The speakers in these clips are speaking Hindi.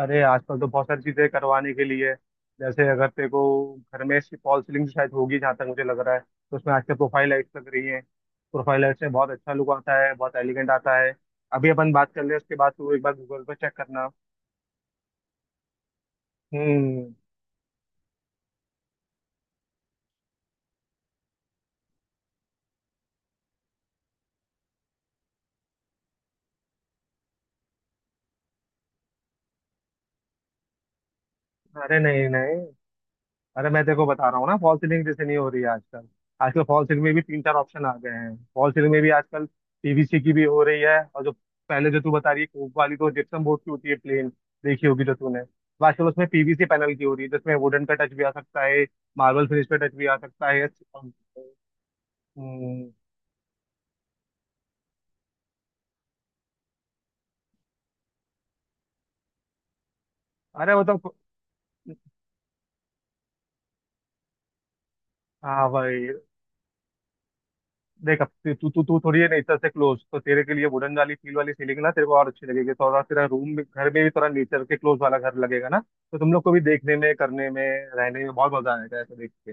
अरे आजकल तो बहुत सारी चीजें करवाने के लिए है। जैसे अगर तेरे को घर में इसकी फॉल सीलिंग शायद होगी, जहाँ तक मुझे लग रहा है, तो उसमें आजकल प्रोफाइल लाइट्स लग रही हैं। प्रोफाइल लाइट से बहुत अच्छा लुक आता है, बहुत एलिगेंट आता है। अभी अपन बात कर ले, उसके बाद तू एक बार गूगल पे चेक करना। हम्म। अरे नहीं नहीं, अरे मैं देखो बता रहा हूँ ना, फॉल सीलिंग जैसे नहीं हो रही है आजकल। आजकल फॉल सीलिंग में भी तीन चार ऑप्शन आ गए हैं, फॉल सीलिंग में भी आजकल पीवीसी की भी हो रही है। और जो पहले जो तू बता रही है कोप वाली, तो जिप्सम बोर्ड की होती है प्लेन, देखी होगी जो तूने। तो आजकल उसमें पीवीसी पैनल की हो रही है जिसमें वुडन का टच भी आ सकता है, मार्बल फिनिश पे टच भी आ सकता है। हम्म। अरे मतलब। हाँ भाई। देख, अब तू तू तू तू थोड़ी है नेचर से क्लोज, तो तेरे के लिए वुडन वाली फील वाली सीलिंग ना तेरे को और अच्छी लगेगी। थोड़ा तेरा रूम भी, घर में भी थोड़ा नेचर के क्लोज वाला घर लगेगा ना, तो तुम लोग को भी देखने में, करने में, रहने में बहुत मजा आएगा ऐसा देख के।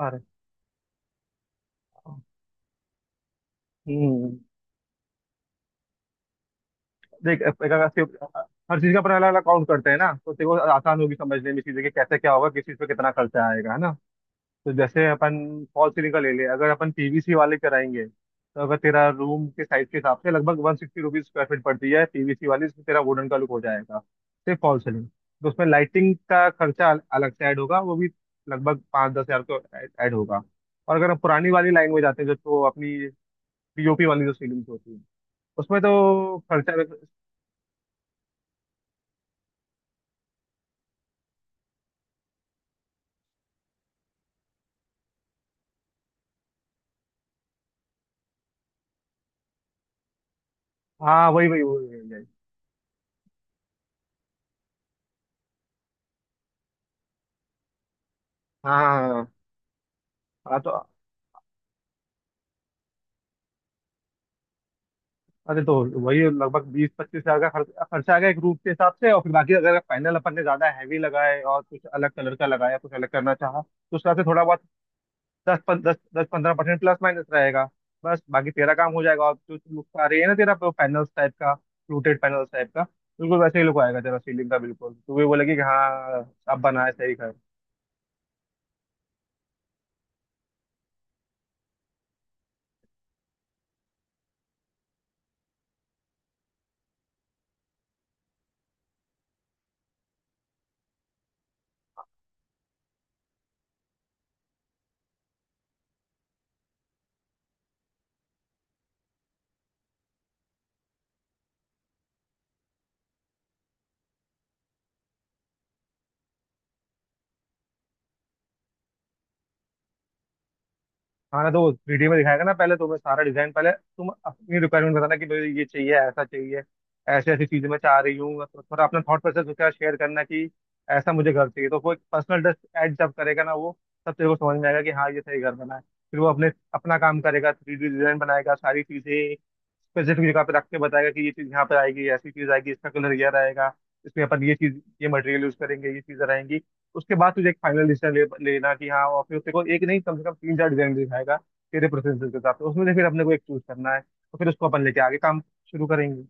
अरे। हम्म। देख, एक- हर चीज का अपना अलग अलग काउंट करते हैं ना, तो तेरे को आसान होगी समझने में चीजें कि कैसे क्या होगा, किस चीज पे कितना खर्चा आएगा, है ना। तो जैसे अपन फॉल सीलिंग का ले ले, अगर अपन पीवीसी वाले कराएंगे तो अगर तेरा रूम के साइज के हिसाब से लगभग 160 रुपीज स्क्वायर फीट पड़ती है पीवीसी वाली, जिसमें तेरा वुडन का लुक हो जाएगा। सिर्फ फॉल सीलिंग, तो उसमें लाइटिंग का खर्चा अलग से ऐड होगा, वो भी लगभग 5-10 हजार तो ऐड होगा। और अगर हम पुरानी वाली लाइन में जाते हैं, जो तो अपनी पीओपी वाली जो सीलिंग होती है, उसमें तो खर्चा। हाँ वही वही वही वही वही। हाँ हाँ हाँ हाँ। हाँ, तो अरे, तो वही लगभग 20-25 हजार का खर्चा आ गया एक रूम के हिसाब से। और फिर बाकी अगर पैनल अपन ने ज्यादा हैवी लगाए और कुछ अलग कलर का लगाया, कुछ अलग करना चाहा, तो उस हिसाब से थोड़ा बहुत दस पन, दस दस पंद्रह परसेंट प्लस माइनस रहेगा। बस बाकी तेरा काम हो जाएगा। और जो लुक आ रही है ना तेरा, पैनल्स टाइप का, फ्लूटेड पैनल्स टाइप का, बिल्कुल वैसे ही लुक आएगा तेरा सीलिंग का। बिल्कुल तू भी बोलेगी कि हाँ, अब बनाया सही। हाँ ना, तो वीडियो में दिखाएगा ना पहले तुम्हें सारा डिजाइन। पहले तुम अपनी रिक्वायरमेंट बताना कि मुझे ये चाहिए, ऐसा चाहिए, ऐसी ऐसी चीजें मैं चाह रही हूँ। तो थोड़ा अपना थॉट प्रोसेस उसके साथ शेयर करना कि ऐसा मुझे घर चाहिए, तो कोई पर्सनल टच ऐड जब करेगा ना वो, तब तेरे को समझ में आएगा कि हाँ, ये सही घर बना है। फिर वो अपने अपना काम करेगा, 3D डिजाइन बनाएगा, सारी चीजें स्पेसिफिक जगह पे रख के बताएगा कि ये चीज यहाँ पे आएगी, ऐसी चीज आएगी, इसका कलर यह रहेगा, इसमें अपन ये चीज, ये मटेरियल यूज करेंगे, ये चीजें रहेंगी। उसके बाद तुझे एक फाइनल डिसीजन लेना कि हाँ। और फिर तेरे को एक नहीं, कम से कम तीन चार डिजाइन दिखाएगा तेरे प्रेफरेंसेस के हिसाब से। उसमें से फिर अपने को एक चूज करना है, तो फिर उसको अपन लेके आगे काम शुरू करेंगे।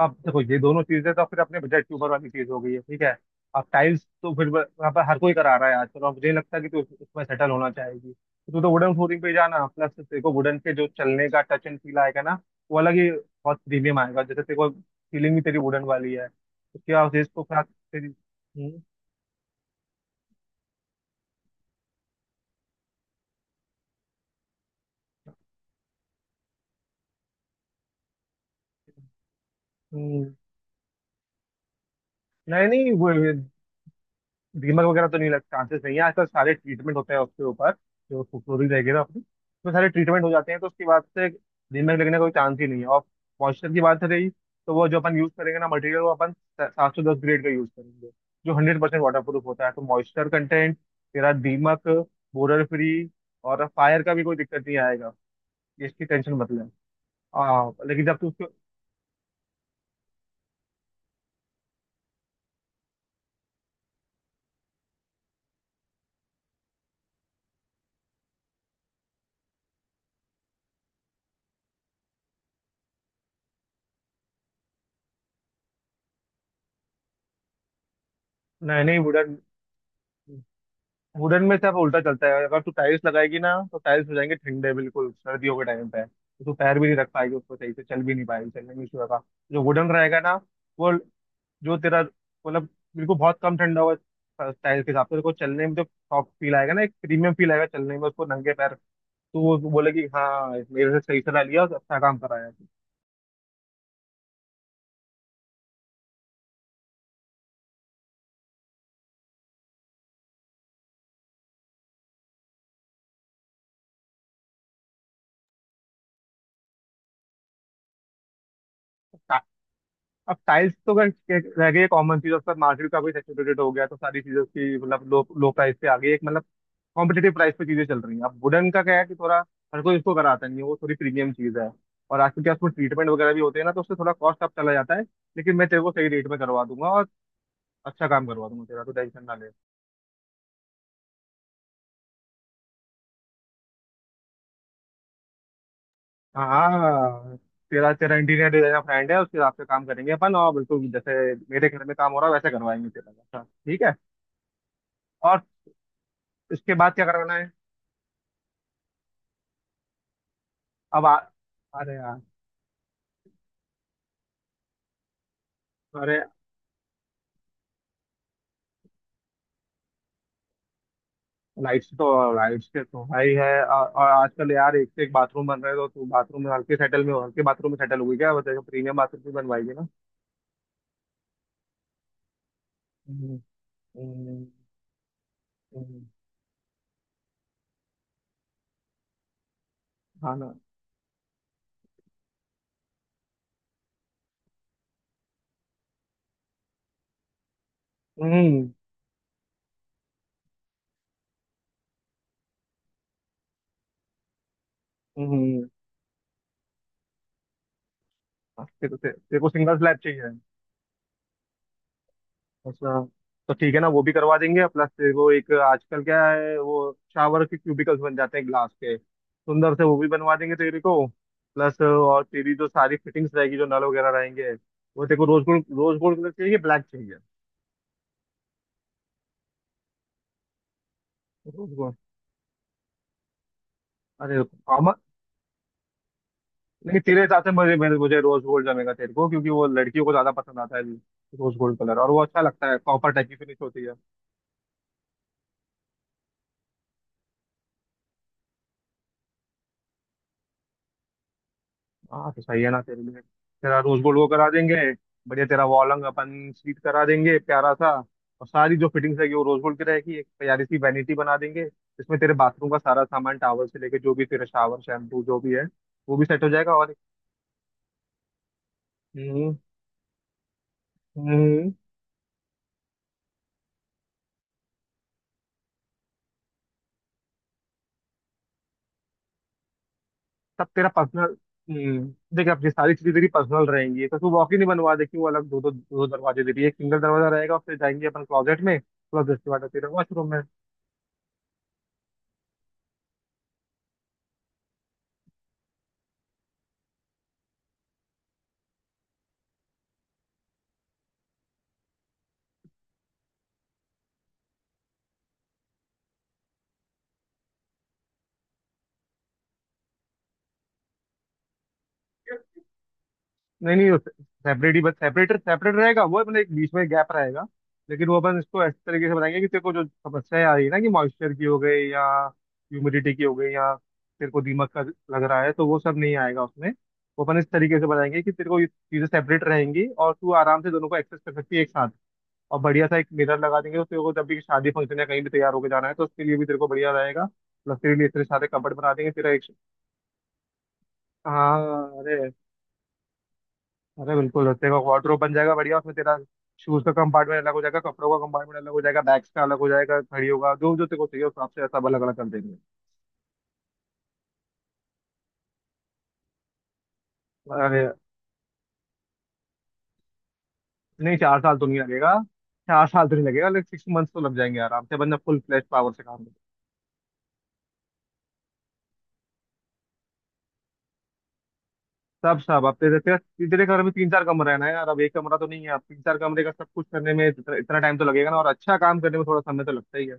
अब देखो, ये दोनों चीजें तो फिर अपने बजट के ऊपर वाली चीज हो गई है, ठीक है। अब टाइल्स तो फिर वहाँ पर हर कोई करा रहा है आजकल, और मुझे नहीं लगता कि तू उसमें सेटल होना चाहेगी। तो तू तो वुडन फ्लोरिंग पे ही जाना, प्लस तेरे को वुडन के जो चलने का टच एंड फील आएगा ना, वो अलग ही बहुत प्रीमियम आएगा, जैसे तेरे को फीलिंग भी तेरी वुडन वाली है। उसके बाद उसको साथ तेरी। हम्म। हम्म, नहीं नहीं, वो दीमक वगैरह तो नहीं लग, चांसेस नहीं है, आजकल सारे ट्रीटमेंट होते हैं उसके ऊपर। जो फ्लोरीन रहेगी ना अपनी, उसमें सारे ट्रीटमेंट हो जाते हैं, तो उसके बाद से दीमक लगने का कोई चांस ही नहीं है। और मॉइस्चर की बात रही, तो वो जो अपन यूज करेंगे ना मटेरियल, वो अपन 710 ग्रेड का यूज करेंगे, जो 100% वाटर प्रूफ होता है। तो मॉइस्चर कंटेंट, तेरा दीमक, बोरर फ्री, और फायर का भी कोई दिक्कत नहीं आएगा, इसकी टेंशन मतलब। हाँ लेकिन जब तू उसको। नहीं नहीं, वुडन, वुडन में सिर्फ उल्टा चलता है। अगर तू टाइल्स लगाएगी ना, तो टाइल्स हो जाएंगे ठंडे बिल्कुल सर्दियों के टाइम पे, तो तू पैर भी नहीं रख पाएगी उसको, सही से चल भी नहीं पाएगी, चलने में इशू होगा। जो वुडन रहेगा ना, वो जो तेरा मतलब, बिल्कुल बहुत कम ठंडा होगा टाइल्स के हिसाब से। तेरे को चलने में जो सॉफ्ट फील आएगा ना, एक प्रीमियम फील आएगा चलने में उसको नंगे पैर, तो वो बोलेगी हाँ, मेरे से सही सलाह लिया और अच्छा काम कराया। टा- अब टाइल्स तो अगर रह गई कॉमन चीज, उसका मार्केट का भी सैचुरेटेड हो गया, तो सारी चीजों की मतलब लो लो प्राइस पे आ गई, एक मतलब कॉम्पिटेटिव प्राइस पे चीजें चल रही हैं। अब वुडन का क्या है कि थोड़ा हर कोई इसको कराता नहीं है, वो थोड़ी प्रीमियम चीज है। और आजकल क्या, उसमें ट्रीटमेंट वगैरह भी होते हैं ना, तो उससे थोड़ा कॉस्ट अप चला जाता है। लेकिन मैं तेरे को सही रेट में करवा दूंगा और अच्छा काम करवा दूंगा, तेरा तो टेंशन ना ले। हाँ, तेरा तेरा इंटीरियर डिजाइनर फ्रेंड है, उसके हिसाब से काम करेंगे अपन, और बिल्कुल जैसे मेरे घर में काम हो रहा है वैसे करवाएंगे तेरा, अच्छा ठीक है। और इसके बाद क्या करवाना है? अब अरे यार, अरे लाइट्स तो, लाइट्स के तो भाई है, और आजकल यार एक से एक बाथरूम बन रहे हैं, तो तू बाथरूम में हल्के सेटल में, हल्के बाथरूम में सेटल हुई क्या? बताइए, प्रीमियम बाथरूम भी बनवाएगी ना। हम्म, हम्म, हम्म। हाँ ना। हम्म, हम्म, तेरे को तेरे को सिंगल स्लैब चाहिए? अच्छा, तो ठीक है ना, वो भी करवा देंगे। प्लस तेरे को एक आजकल क्या है, वो शावर के क्यूबिकल्स बन जाते हैं ग्लास के सुंदर से, वो भी बनवा देंगे तेरे को। प्लस और तेरी जो सारी फिटिंग्स रहेगी, जो नल वगैरह रहेंगे, वो तेरे को rose gold, rose gold colour चाहिए, ब्लैक चाहिए? Rose gold. अरे आमा। नहीं, तेरे हिसाब से मुझे, मुझे रोज गोल्ड जमेगा तेरे को, क्योंकि वो लड़कियों को ज्यादा पसंद आता है रोज गोल्ड कलर, और वो अच्छा लगता है, कॉपर टाइप की फिनिश होती है। हाँ, तो सही है ना, तेरे लिए तेरा रोज गोल्ड वो करा देंगे। बढ़िया, तेरा वॉलंग अपन स्वीट करा देंगे प्यारा सा, और सारी जो फिटिंग्स है वो रोज गोल्ड की रहेगी। एक प्यारी सी वैनिटी बना देंगे जिसमें तेरे बाथरूम का सारा सामान, टावल से लेके जो भी, तेरा शावर, शैम्पू जो भी है, वो भी सेट हो जाएगा। और हम्म हम्म, सब तेरा पर्सनल। देख, अब ये सारी चीजें तेरी पर्सनल रहेंगी, तो तू वॉक ही नहीं बनवा दे क्यों अलग? दो दो दो दरवाजे दे रही है, एक सिंगल दरवाजा रहेगा और फिर जाएंगे अपन क्लोजेट में, प्लस उसके बाद तेरा वॉशरूम में। नहीं नहीं, वो सेपरेट ही, बस सेपरेट सेपरेट रहेगा, वो अपने एक बीच में गैप रहेगा। लेकिन वो अपन इसको ऐसे तरीके से बनाएंगे कि तेरे को जो समस्याएं आ रही है ना, कि मॉइस्चर की हो गई, या ह्यूमिडिटी की हो गई, या तेरे को दीमक का लग रहा है, तो वो सब नहीं आएगा उसमें। वो अपन इस तरीके से बनाएंगे कि तेरे को ये चीजें सेपरेट रहेंगी, और तू आराम से दोनों को एक्सेस कर सकती है एक साथ। और बढ़िया सा एक मिरर लगा देंगे, तो तेरे को जब भी शादी फंक्शन या कहीं भी तैयार होकर जाना है, तो उसके लिए भी तेरे को बढ़िया रहेगा। प्लस तेरे लिए इतने सारे कपबोर्ड बना देंगे तेरा एक। हाँ, अरे, अरे बिल्कुल, तेरा वार्डरोब बन जाएगा बढ़िया, उसमें तेरा शूज का कंपार्टमेंट अलग हो जाएगा, कपड़ों का कंपार्टमेंट अलग हो जाएगा, बैग्स का अलग हो जाएगा, घड़ी होगा, जो जो तेरे को चाहिए उस हिसाब से सब अलग अलग कर देंगे। अरे नहीं, 4 साल तो नहीं लगेगा। 4 साल तो नहीं लगेगा, लेकिन 6 मंथ्स तो लग जाएंगे आराम से, बंदा फुल फ्लैश पावर से काम। सब सब, अब तेरे तेरे तेरे घर में तीन चार कमरे हैं ना यार, अब एक कमरा तो नहीं है। अब तीन चार कमरे का सब कुछ करने में इतना इतना टाइम तो लगेगा ना, और अच्छा काम करने में थोड़ा समय तो लगता ही है।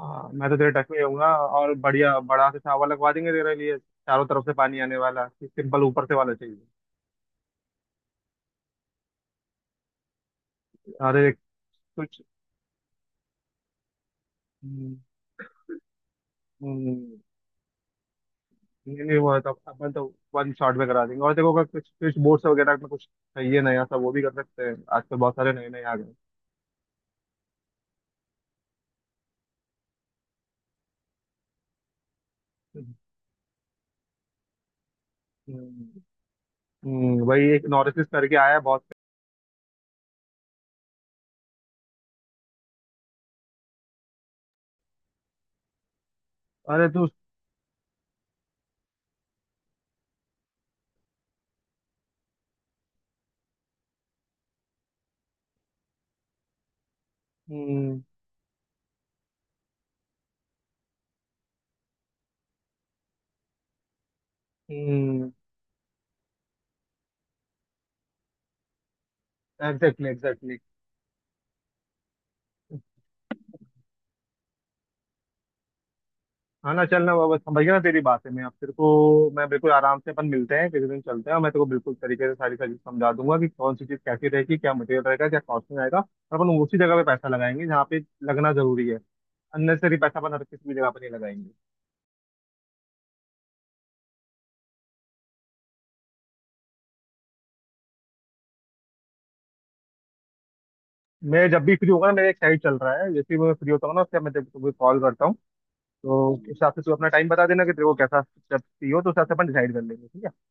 हाँ मैं तो तेरे टक में होऊंगा, और बढ़िया बड़ा से शावर लगवा देंगे तेरे लिए, चारों तरफ से पानी आने वाला, सिंपल ऊपर से वाला चाहिए। अरे कुछ। हम्म, हम्म, नहीं नहीं वो है, तो अपन तो वन शॉट में करा देंगे, और देखो अगर कुछ स्विच बोर्ड्स वगैरह में कुछ चाहिए नया सब, वो भी कर सकते हैं, आजकल बहुत सारे नए नए आ गए। हम्म, वही एक नॉरिस करके आया है बहुत। अरे तू। हम्म, हम्म, एग्जैक्टली, एग्जैक्टली। आना चलना बाबा, समझ गया ना तेरी बात है। मैं अब तेरे को, मैं बिल्कुल आराम से अपन मिलते हैं किसी दिन, चलते हैं, और मैं तेरे को बिल्कुल तरीके से सारी चीज समझा दूंगा कि कौन सी चीज कैसी रहेगी, क्या मटेरियल रहेगा, क्या कॉस्टिंग आएगा, और अपन उसी जगह पे पैसा लगाएंगे जहाँ पे लगना जरूरी है। अननेसरी पैसा अपन हर किसी भी जगह पर नहीं लगाएंगे। मैं जब भी फ्री होगा ना, मेरा एक साइड चल रहा है, जैसे ही मैं फ्री होता हूँ ना, उससे मैं तेरे को कॉल करता हूँ। तो उस हिसाब से तू अपना टाइम बता देना कि तेरे को कैसा स्टेप चाहिए हो, तो उस हिसाब से अपन डिसाइड कर लेंगे, ठीक है।